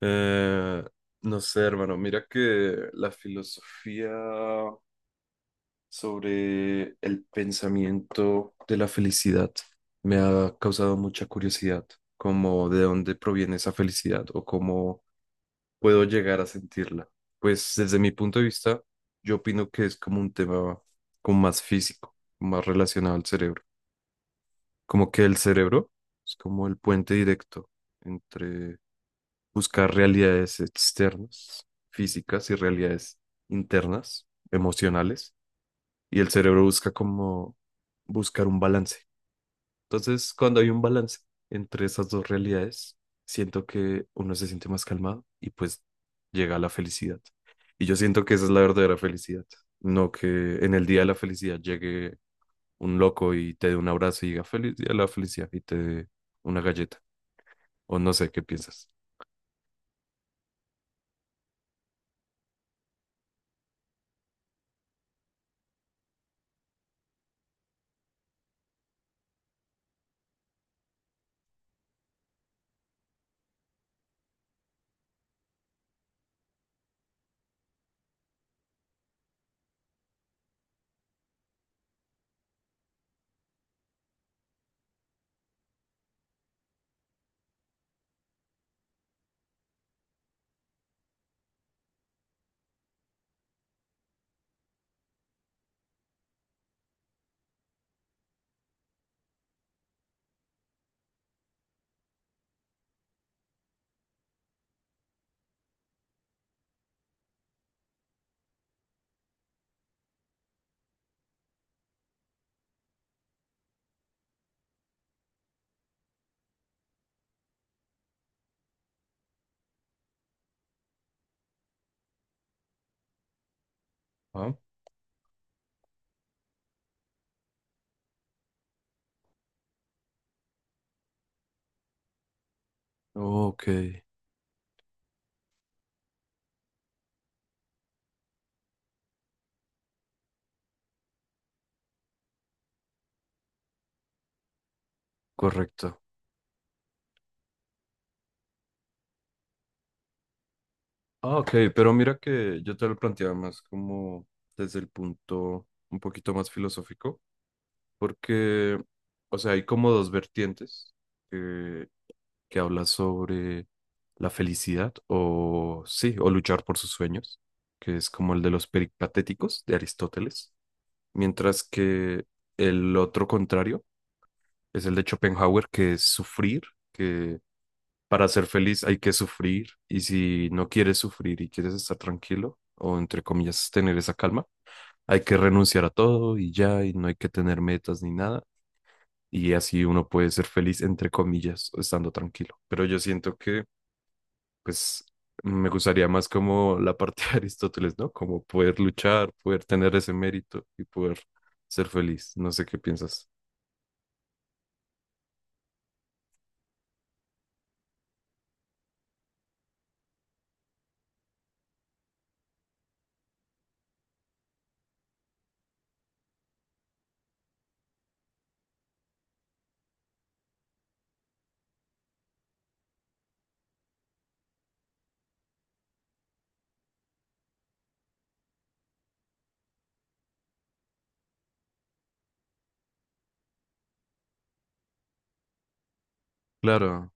Eh, no sé, hermano, mira que la filosofía sobre el pensamiento de la felicidad me ha causado mucha curiosidad, como de dónde proviene esa felicidad o cómo puedo llegar a sentirla. Pues desde mi punto de vista, yo opino que es como un tema como más físico, más relacionado al cerebro, como que el cerebro es como el puente directo buscar realidades externas, físicas y realidades internas, emocionales, y el cerebro busca como buscar un balance. Entonces, cuando hay un balance entre esas dos realidades, siento que uno se siente más calmado y pues llega a la felicidad. Y yo siento que esa es la verdadera felicidad, no que en el día de la felicidad llegue un loco y te dé un abrazo y diga feliz día de la felicidad y te dé una galleta, o no sé qué piensas. Ah, ok, correcto. Ah, ok, pero mira que yo te lo planteaba más como desde el punto un poquito más filosófico, porque, o sea, hay como dos vertientes que, que habla sobre la felicidad o, sí, o luchar por sus sueños, que es como el de los peripatéticos de Aristóteles, mientras que el otro contrario es el de Schopenhauer, que es sufrir, para ser feliz hay que sufrir y si no quieres sufrir y quieres estar tranquilo o entre comillas tener esa calma, hay que renunciar a todo y ya y no hay que tener metas ni nada y así uno puede ser feliz entre comillas estando tranquilo. Pero yo siento que pues me gustaría más como la parte de Aristóteles, ¿no? Como poder luchar, poder tener ese mérito y poder ser feliz. No sé qué piensas. Claro.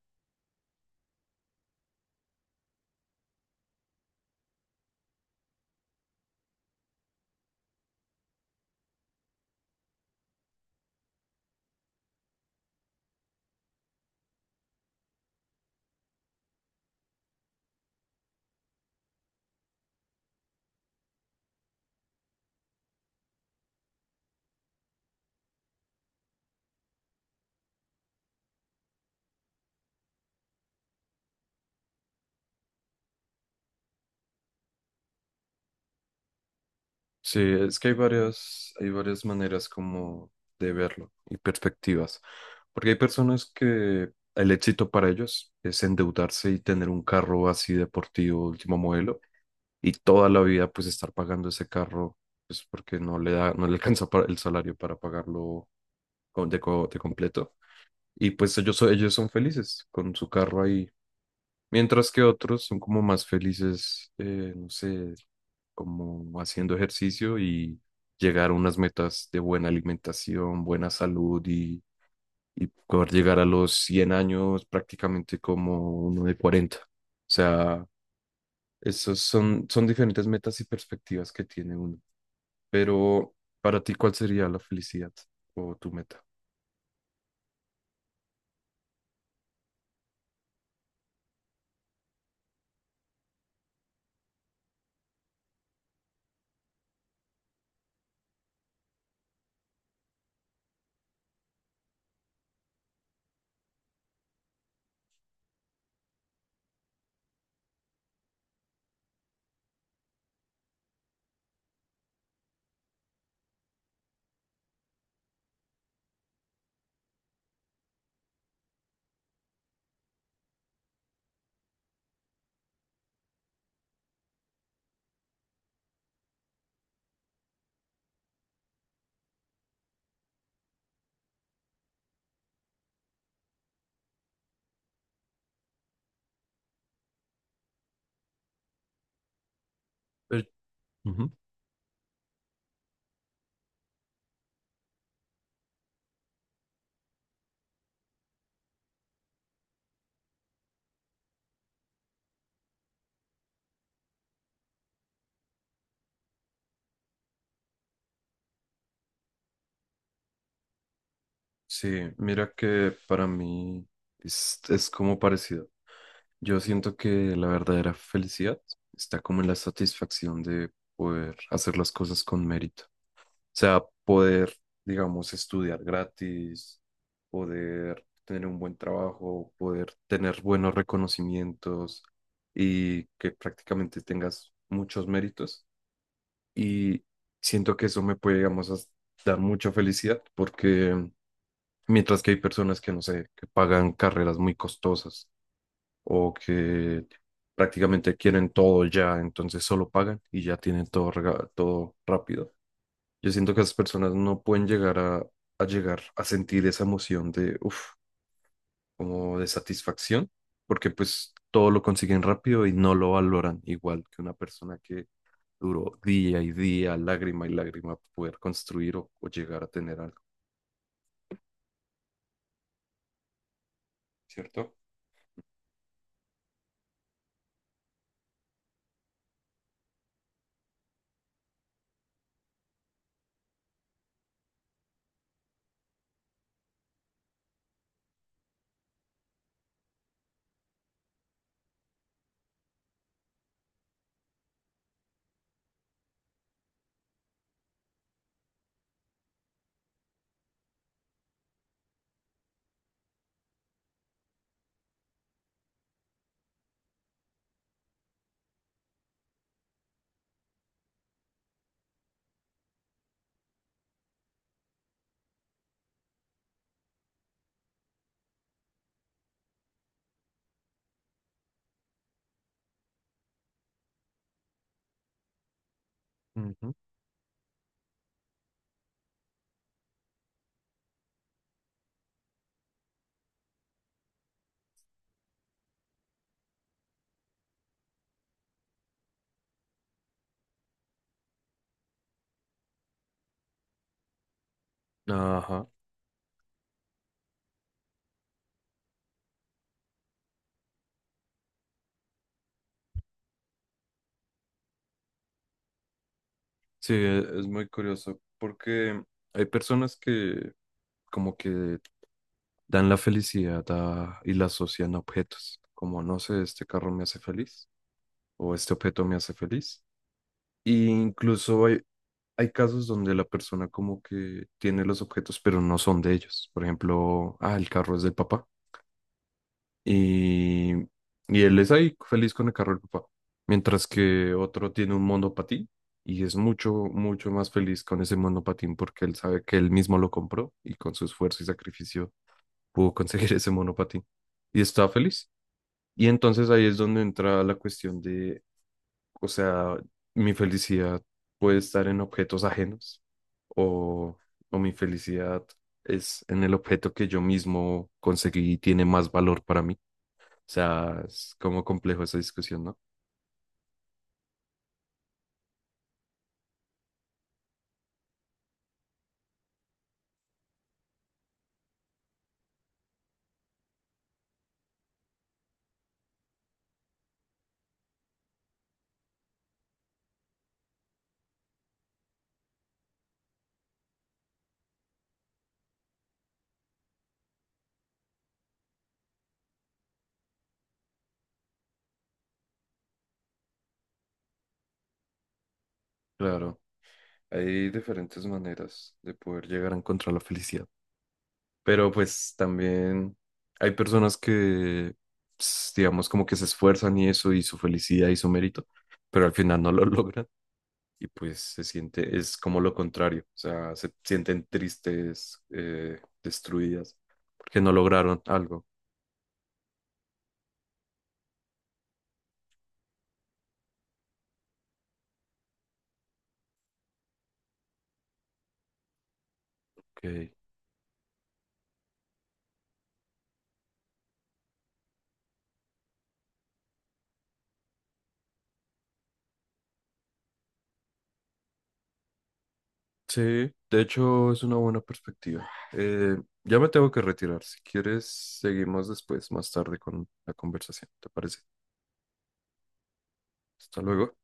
Sí, es que hay varias maneras como de verlo y perspectivas. Porque hay personas que el éxito para ellos es endeudarse y tener un carro así deportivo, último modelo, y toda la vida pues estar pagando ese carro, pues porque no le da, no le alcanza para el salario para pagarlo de completo. Y pues ellos, ellos son felices con su carro ahí. Mientras que otros son como más felices, no sé, como haciendo ejercicio y llegar a unas metas de buena alimentación, buena salud y poder llegar a los 100 años prácticamente como uno de 40. O sea, esos son, son diferentes metas y perspectivas que tiene uno. Pero para ti, ¿cuál sería la felicidad o tu meta? Pues, ujú. Sí, mira que para mí es como parecido. Yo siento que la verdadera felicidad está como en la satisfacción de poder hacer las cosas con mérito. O sea, poder, digamos, estudiar gratis, poder tener un buen trabajo, poder tener buenos reconocimientos y que prácticamente tengas muchos méritos. Y siento que eso me puede, digamos, dar mucha felicidad porque mientras que hay personas que, no sé, que pagan carreras muy costosas o que prácticamente quieren todo ya, entonces solo pagan y ya tienen todo, todo rápido. Yo siento que esas personas no pueden a llegar a sentir esa emoción de, uff, como de satisfacción, porque pues todo lo consiguen rápido y no lo valoran igual que una persona que duró día y día, lágrima y lágrima, poder construir o llegar a tener algo, ¿cierto? Ujú. Ajá. Sí, es muy curioso porque hay personas que como que dan la felicidad y la asocian a objetos, como no sé, este carro me hace feliz o este objeto me hace feliz. Y incluso hay casos donde la persona como que tiene los objetos pero no son de ellos. Por ejemplo, ah, el carro es del papá y, y él es ahí feliz con el carro del papá, mientras que otro tiene un monopatín. Y es mucho, mucho más feliz con ese monopatín porque él sabe que él mismo lo compró y con su esfuerzo y sacrificio pudo conseguir ese monopatín y estaba feliz. Y entonces ahí es donde entra la cuestión de, o sea, mi felicidad puede estar en objetos ajenos o, o mi felicidad es en el objeto que yo mismo conseguí y tiene más valor para mí. O sea, es como complejo esa discusión, ¿no? Claro, hay diferentes maneras de poder llegar a encontrar la felicidad. Pero pues también hay personas que, ps, digamos, como que se esfuerzan y eso, y su felicidad y su mérito, pero al final no lo logran y pues se siente, es como lo contrario, o sea, se sienten tristes, destruidas, porque no lograron algo. Ok. Sí, de hecho es una buena perspectiva. Ya me tengo que retirar. Si quieres, seguimos después, más tarde con la conversación, ¿te parece? Hasta luego.